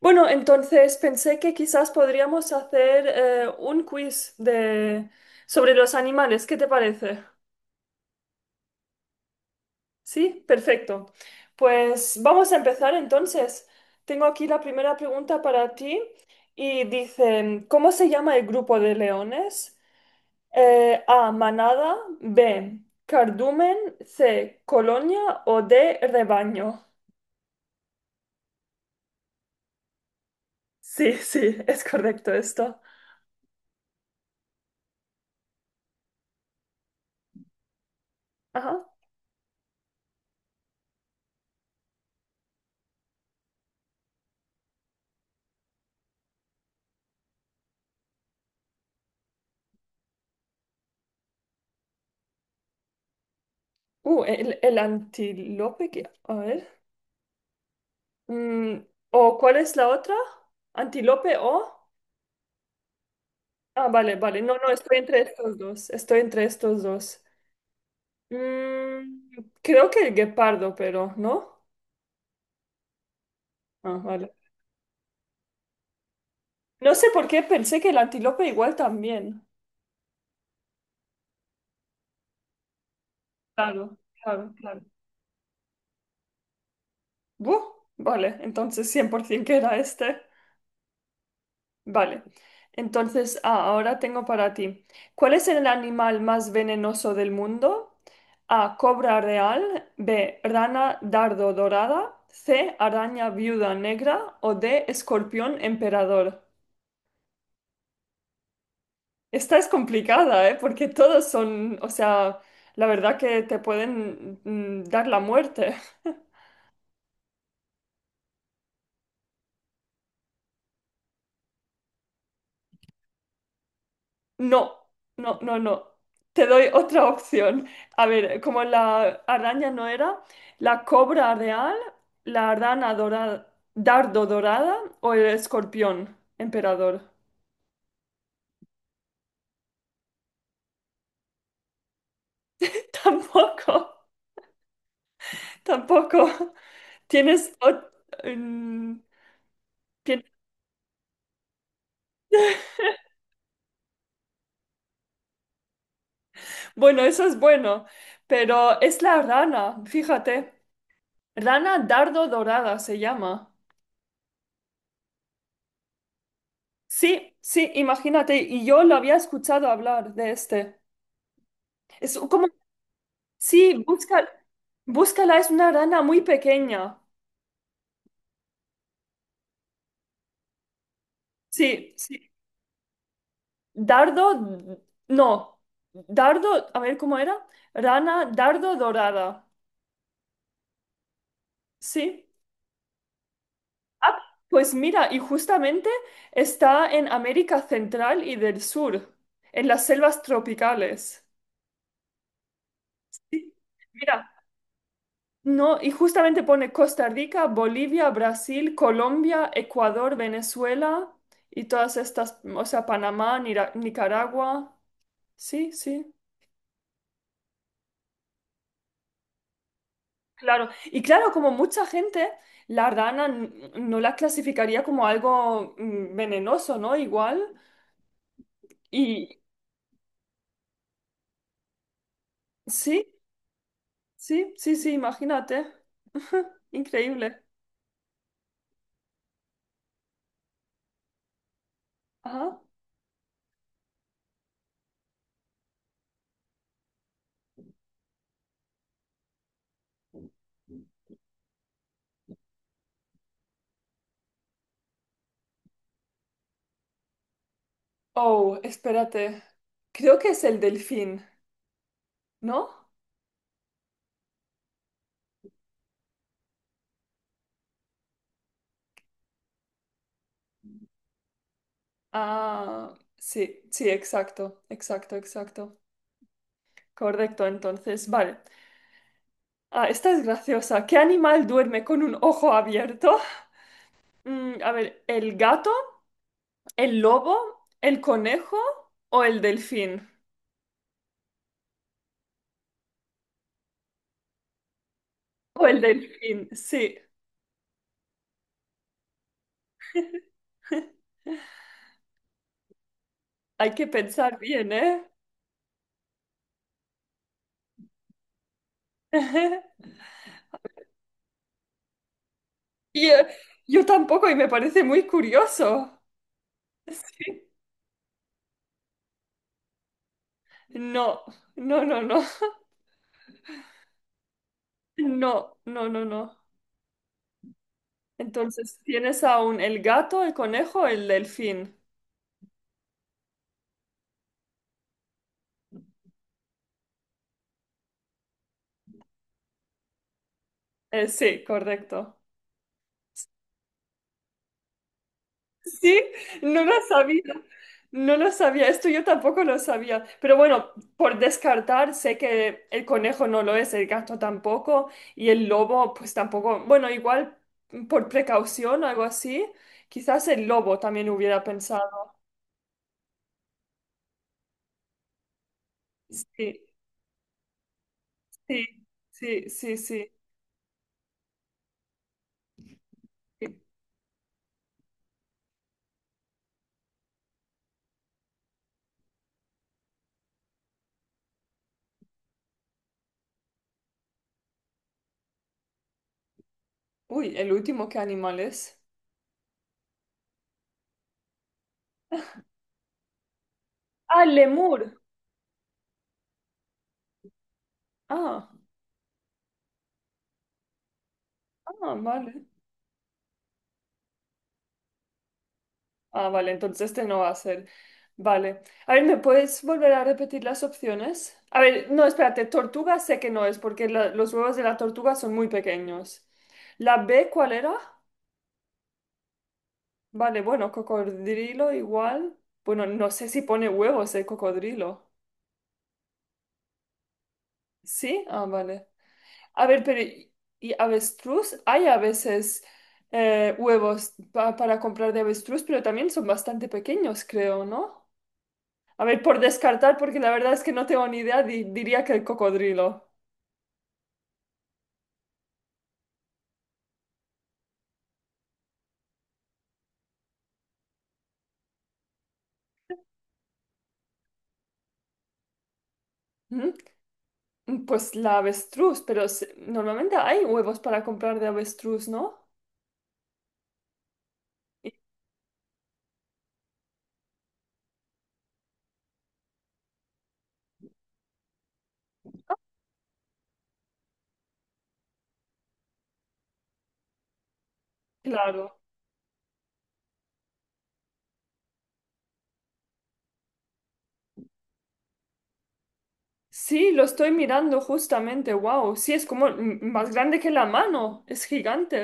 Bueno, entonces pensé que quizás podríamos hacer un quiz de... sobre los animales. ¿Qué te parece? Sí, perfecto. Pues vamos a empezar entonces. Tengo aquí la primera pregunta para ti y dice, ¿cómo se llama el grupo de leones? A, manada, B, cardumen, C, colonia o D, rebaño. Sí, sí, es correcto esto. Ajá. El antílope que... A ver. Mm, ¿o cuál es la otra? ¿Antílope o? Ah, vale, vale. No, no, estoy entre estos dos. Estoy entre estos dos. Mm, creo que el guepardo, pero, ¿no? Ah, vale. No sé por qué pensé que el antílope igual también. Claro, claro, claro. Buh, vale, entonces 100% que era este. Vale. Entonces, ah, ahora tengo para ti. ¿Cuál es el animal más venenoso del mundo? A. Cobra real. B. Rana dardo dorada. C. Araña viuda negra. O D. Escorpión emperador. Esta es complicada, ¿eh? Porque todos son, o sea, la verdad que te pueden dar la muerte. No, no, no, no. Te doy otra opción. A ver, como la araña no era, la cobra real, la rana dorada, dardo dorada o el escorpión emperador. Tampoco, tampoco. Tienes... ot- mm, tien- Bueno, eso es bueno, pero es la rana, fíjate. Rana dardo dorada se llama. Sí, sí, imagínate, y yo lo había escuchado hablar de este. Es como sí, busca, búscala, es una rana muy pequeña. Sí, sí. Dardo, no. Dardo, a ver cómo era. Rana, dardo dorada. Sí. Ah, pues mira, y justamente está en América Central y del Sur, en las selvas tropicales. Sí. Mira, no, y justamente pone Costa Rica, Bolivia, Brasil, Colombia, Ecuador, Venezuela y todas estas, o sea, Panamá, Nira- Nicaragua. Sí, sí, claro. Y claro, como mucha gente, la rana n- no la clasificaría como algo venenoso, ¿no? Igual. Y sí, sí, sí, sí, imagínate. Increíble. Ajá. Oh, espérate. Creo que es el delfín, ¿no? Ah, sí, sí, exacto, exacto, exacto. Correcto, entonces, vale. Ah, esta es graciosa. ¿Qué animal duerme con un ojo abierto? Mm, a ver, ¿el gato? ¿El lobo, el conejo o el delfín? O el delfín, sí. Hay que pensar bien, ¿eh? Y, yo tampoco y me parece muy curioso. Sí. No, no, no, no. No, no, no, no. Entonces, tienes aún el gato, el conejo, el delfín. Sí, correcto. Sí, no lo sabía, no lo sabía, esto yo tampoco lo sabía, pero bueno, por descartar, sé que el conejo no lo es, el gato tampoco, y el lobo pues tampoco, bueno, igual por precaución, algo así, quizás el lobo también hubiera pensado. Sí, sí, sí, sí, sí. Sí. Uy, el último, ¿qué animal es? Ah, lemur. Ah, ah, vale. Ah, vale, entonces este no va a ser. Vale. A ver, ¿me puedes volver a repetir las opciones? A ver, no, espérate, tortuga sé que no es porque la- los huevos de la tortuga son muy pequeños. ¿La B cuál era? Vale, bueno, cocodrilo igual. Bueno, no sé si pone huevos el cocodrilo. ¿Sí? Ah, vale. A ver, pero ¿y avestruz? Hay a veces huevos pa- para comprar de avestruz, pero también son bastante pequeños, creo, ¿no? A ver, por descartar, porque la verdad es que no tengo ni idea, di- diría que el cocodrilo. ¿Mm? Pues la avestruz, pero se- normalmente hay huevos para comprar de avestruz, ¿no? Y- claro. Sí, lo estoy mirando justamente, wow. Sí, es como m- más grande que la mano, es gigante.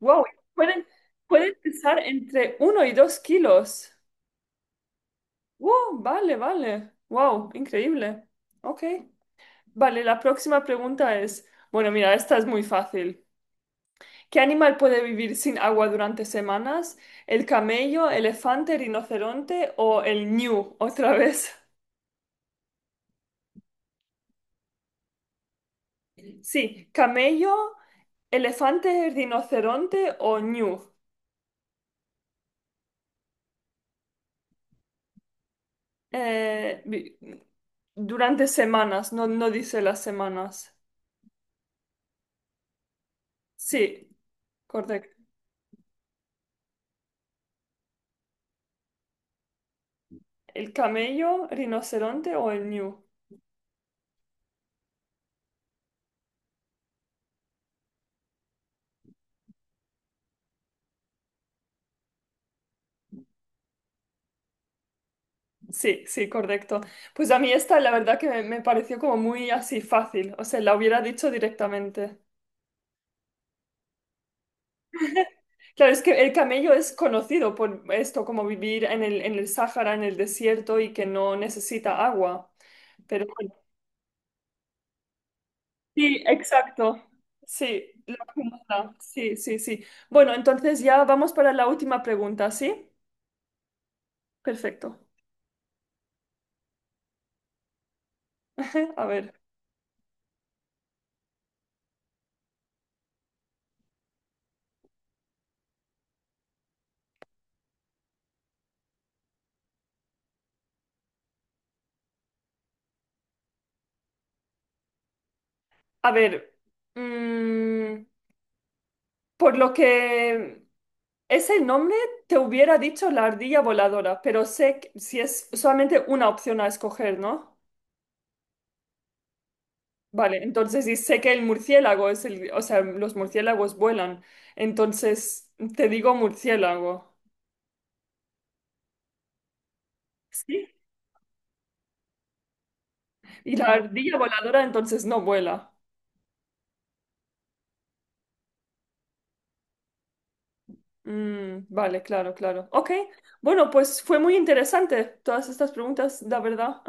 Wow, pueden, pueden pesar entre 1 y 2 kilos. Wow, vale, vale. Wow, increíble. Ok. Vale, la próxima pregunta es, bueno, mira, esta es muy fácil. ¿Qué animal puede vivir sin agua durante semanas? ¿El camello, elefante, rinoceronte o el ñu? Otra vez. Sí, camello, elefante, rinoceronte o ñu. Eh, vi- durante semanas, no, no dice las semanas. Sí, correcto. ¿El camello, rinoceronte o el ñu? Sí, sí, correcto. Pues a mí esta, la verdad que me pareció como muy así fácil. O sea, la hubiera dicho directamente. Claro, es que el camello es conocido por esto, como vivir en el Sáhara, en el desierto y que no necesita agua. Pero bueno, sí, exacto. Sí, la acumula. Sí, sí, sí. Bueno, entonces ya vamos para la última pregunta, ¿sí? Perfecto. A ver, a ver. Mm, por lo que ese nombre te hubiera dicho la ardilla voladora, pero sé que si es solamente una opción a escoger, ¿no? Vale, entonces y sé que el murciélago es el, o sea, los murciélagos vuelan. Entonces te digo murciélago. Sí. Y la vale. Ardilla voladora entonces no vuela. Mm, vale, claro, claro. Ok, bueno, pues fue muy interesante todas estas preguntas, la verdad.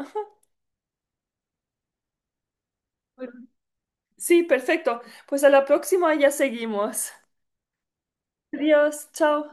Sí, perfecto. Pues a la próxima ya seguimos. Adiós, chao.